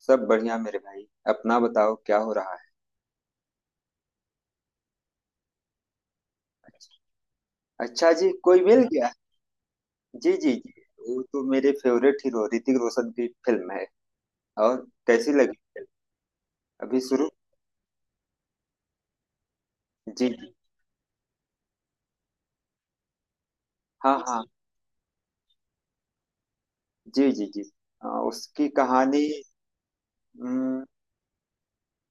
सब बढ़िया मेरे भाई। अपना बताओ क्या हो रहा है? अच्छा जी, कोई मिल गया? जी जी जी। वो तो मेरे फेवरेट हीरो ऋतिक रोशन की फिल्म है। और कैसी लगी फिल्म? अभी शुरू। जी जी। हाँ हाँ। जी जी जी। उसकी कहानी। हम्म,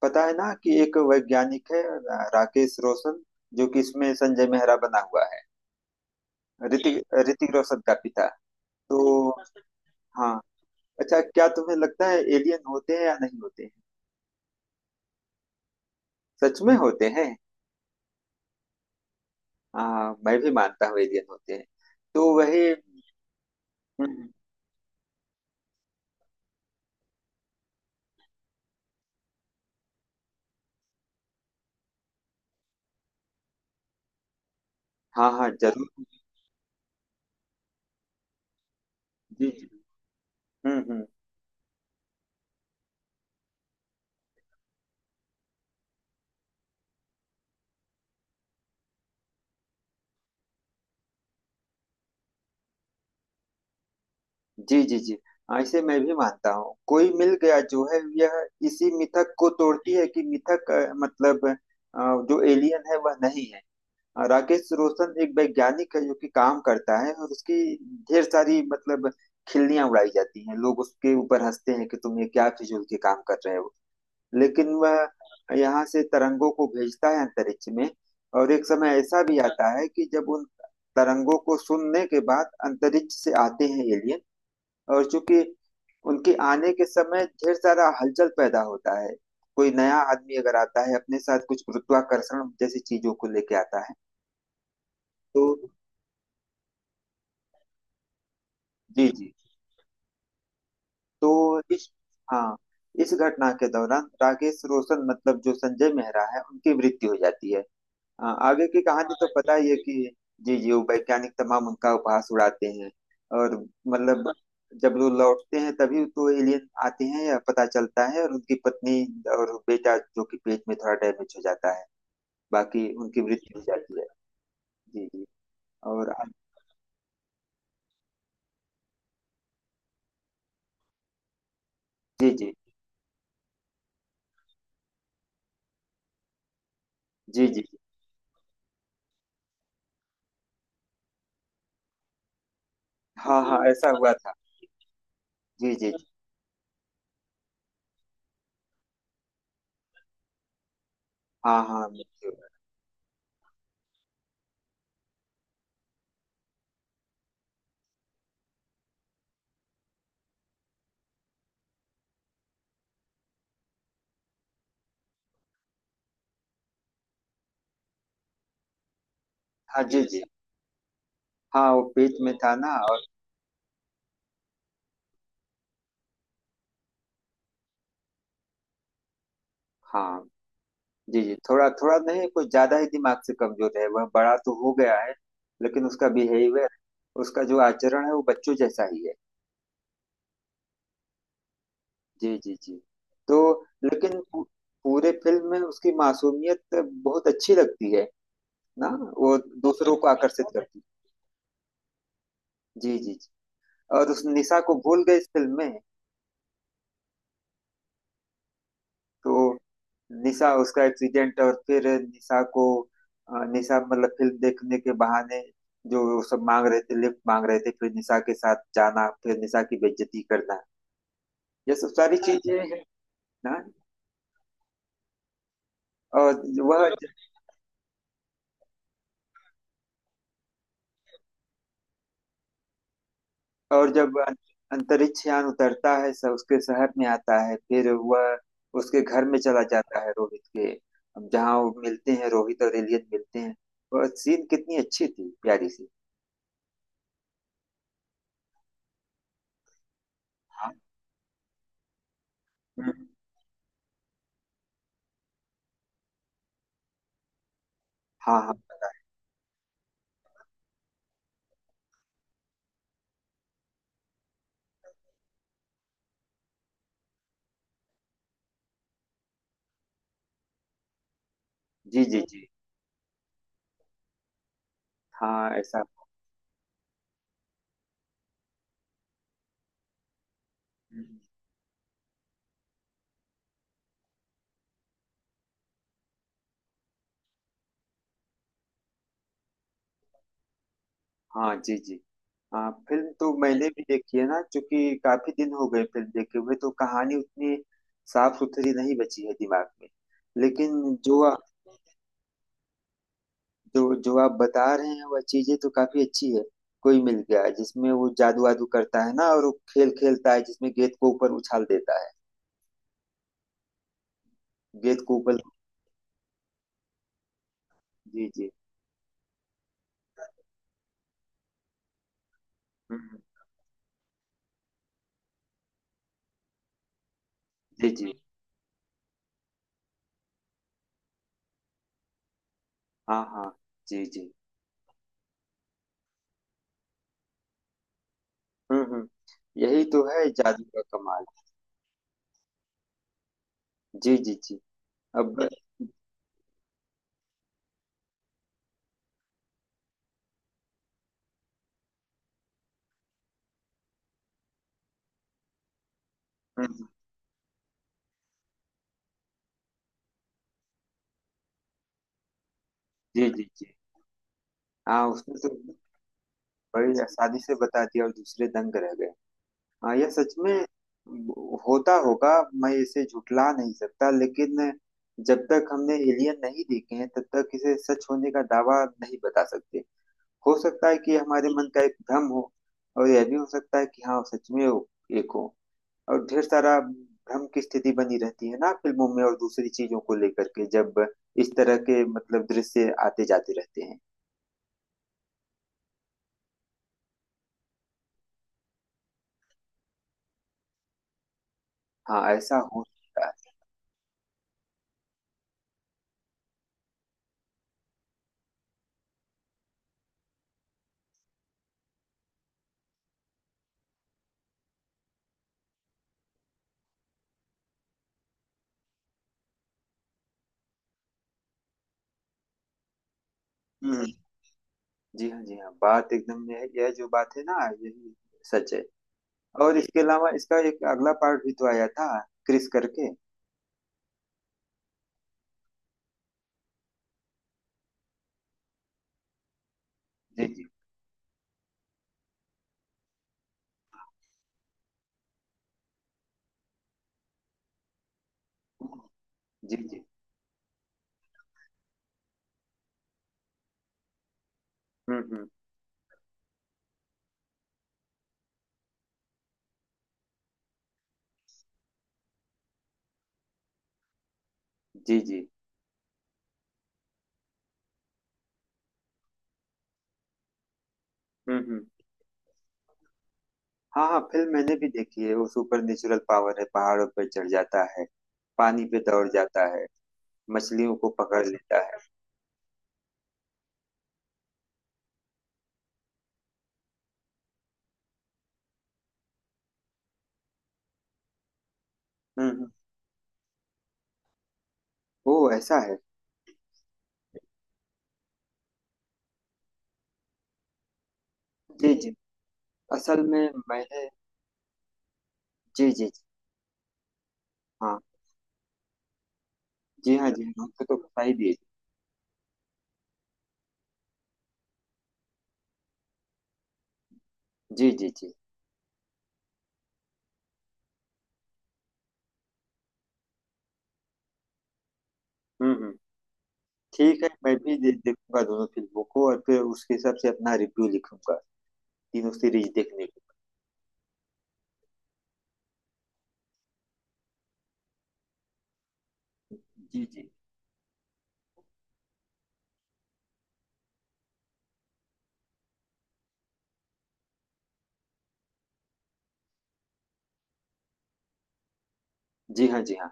पता है ना कि एक वैज्ञानिक है राकेश रोशन। जो कि इसमें संजय मेहरा बना हुआ है। ऋतिक ऋतिक रोशन का पिता। तो, हाँ। अच्छा, क्या तुम्हें लगता है एलियन होते हैं या नहीं होते हैं? सच में होते हैं? हाँ, मैं भी मानता हूँ एलियन होते हैं। तो वही। हम्म, हाँ हाँ, जरूर। जी जी। हम्म। जी जी जी। ऐसे मैं भी मानता हूँ, कोई मिल गया जो है यह इसी मिथक को तोड़ती है कि मिथक, मतलब, जो एलियन है वह नहीं है। राकेश रोशन एक वैज्ञानिक है जो कि काम करता है, और उसकी ढेर सारी मतलब खिल्लियां उड़ाई जाती हैं, लोग उसके ऊपर हंसते हैं कि तुम ये क्या फिजूल के काम कर रहे हो। लेकिन वह यहाँ से तरंगों को भेजता है अंतरिक्ष में। और एक समय ऐसा भी आता है कि जब उन तरंगों को सुनने के बाद अंतरिक्ष से आते हैं एलियन। और चूंकि उनके आने के समय ढेर सारा हलचल पैदा होता है, कोई नया आदमी अगर आता है अपने साथ कुछ गुरुत्वाकर्षण जैसी चीजों को लेके आता है। तो। जी जी। तो इस, हाँ, इस घटना के दौरान राकेश रोशन मतलब जो संजय मेहरा है उनकी मृत्यु हो जाती है। आगे की कहानी तो पता ही है कि। जी जी, वो वैज्ञानिक तमाम उनका उपहास उड़ाते हैं, और मतलब जब वो लौटते हैं तभी तो एलियन आते हैं या पता चलता है, और उनकी पत्नी और बेटा जो कि पेट में थोड़ा डैमेज हो जाता है, बाकी उनकी मृत्यु हो जाती है। जी जी। और। जी जी जी। जी जी। हाँ हाँ ऐसा हुआ था। जी जी जी। हाँ हाँ, मृत्यु हुआ। हाँ जी जी। हाँ, वो पेट में था ना, और हाँ जी जी। थोड़ा थोड़ा नहीं, कुछ ज्यादा ही दिमाग से कमजोर है, वह बड़ा तो हो गया है लेकिन उसका बिहेवियर, उसका जो आचरण है वो बच्चों जैसा ही है। जी जी जी। तो लेकिन पूरे फिल्म में उसकी मासूमियत बहुत अच्छी लगती है ना, वो दूसरों को आकर्षित करती है। जी जी जी। और उस निशा को भूल गए इस फिल्म में। तो निशा, उसका एक्सीडेंट, और फिर निशा को, निशा मतलब फिल्म देखने के बहाने जो वो सब मांग रहे थे, लिफ्ट मांग रहे थे, फिर निशा के साथ जाना, फिर निशा की बेइज्जती करना, ये सब सारी हाँ चीजें हैं ना। और वह, और जब अंतरिक्ष यान उतरता है, सब उसके शहर में आता है, फिर वह उसके घर में चला जाता है, रोहित के, जहाँ वो मिलते हैं, रोहित और एलियन मिलते हैं। और सीन कितनी अच्छी थी, प्यारी सी। हाँ। हम्म। हाँ हाँ, पता है। जी जी जी। हाँ ऐसा। हाँ जी जी। हाँ, फिल्म तो मैंने भी देखी है ना, क्योंकि काफी दिन हो गए फिल्म देखे हुए, तो कहानी उतनी साफ सुथरी नहीं बची है दिमाग में। लेकिन जो जो आप बता रहे हैं, वह चीजें तो काफी अच्छी है। कोई मिल गया है, जिसमें वो जादू वादू करता है ना, और वो खेल खेलता है जिसमें गेंद को ऊपर उछाल देता है, गेंद को ऊपर। जी जी। हम्म। जी जी। हाँ हाँ। जी जी। हम्म। यही तो है जादू का कमाल। जी जी जी। अब, हम्म, जी जी जी। हाँ, उसने तो बड़ी आसानी से बता दिया, और दूसरे दंग रह गए। हाँ, यह सच में होता होगा। मैं इसे झुठला नहीं सकता, लेकिन जब तक हमने एलियन नहीं देखे हैं तब तक इसे सच होने का दावा नहीं बता सकते। हो सकता है कि हमारे मन का एक भ्रम हो, और यह भी हो सकता है कि हाँ, सच में वो एक हो। और ढेर सारा भ्रम की स्थिति बनी रहती है ना फिल्मों में और दूसरी चीजों को लेकर के, जब इस तरह के मतलब दृश्य आते जाते रहते हैं। हाँ, ऐसा हो सकता है। हम्म। जी हाँ जी हाँ, बात एकदम यह जो बात है ना, यही सच है। और इसके अलावा इसका एक अगला पार्ट भी तो आया था, क्रिस करके। जी जी जी। जी हम्म। जी जी। हम्म। हाँ हाँ, फिल्म मैंने भी देखी है, वो सुपर नेचुरल पावर है, पहाड़ों पर चढ़ जाता है, पानी पे दौड़ जाता है, मछलियों को पकड़ लेता है। हम्म। ओ ऐसा है। जी जी। असल में मैंने, जी जी जी। हाँ जी हाँ जी हाँ, हमको तो बता ही दिए। जी जी जी। हम्म। ठीक है, मैं भी देखूंगा दोनों फिल्मों को, और फिर उसके हिसाब से अपना रिव्यू लिखूंगा, तीनों सीरीज देखने को। जी जी जी। हाँ जी हाँ।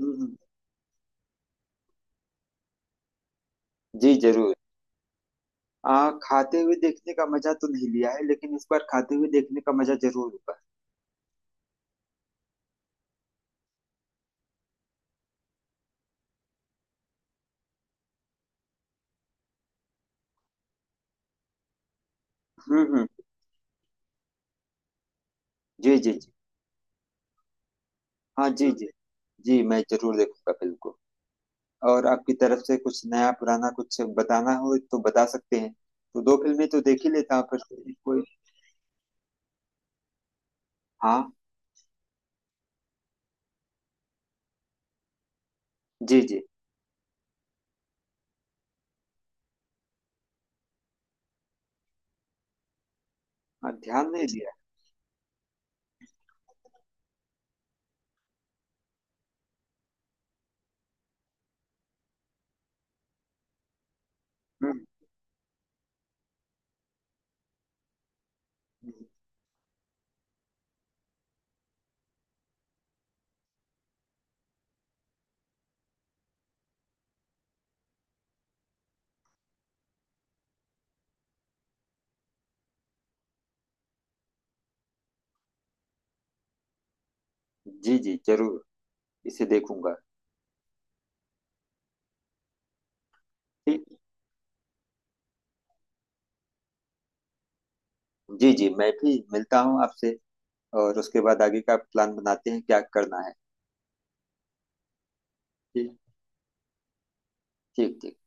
हम्म, हम्म, जी जरूर। खाते हुए देखने का मजा तो नहीं लिया है, लेकिन इस बार खाते हुए देखने का मजा जरूर होगा। हम्म। जी जी जी। हाँ जी, जी जी मैं जरूर देखूंगा फिल्म को, और आपकी तरफ से कुछ नया पुराना कुछ बताना हो तो बता सकते हैं। तो दो फिल्में तो देख ही लेता हूँ, पर कोई, हाँ जी जी। हाँ, ध्यान नहीं दिया। हम्म हम्म, जी जी जरूर, इसे देखूंगा। ठीक, जी जी, मैं भी मिलता हूँ आपसे और उसके बाद आगे का प्लान बनाते हैं क्या करना है। ठीक ठीक ठीक।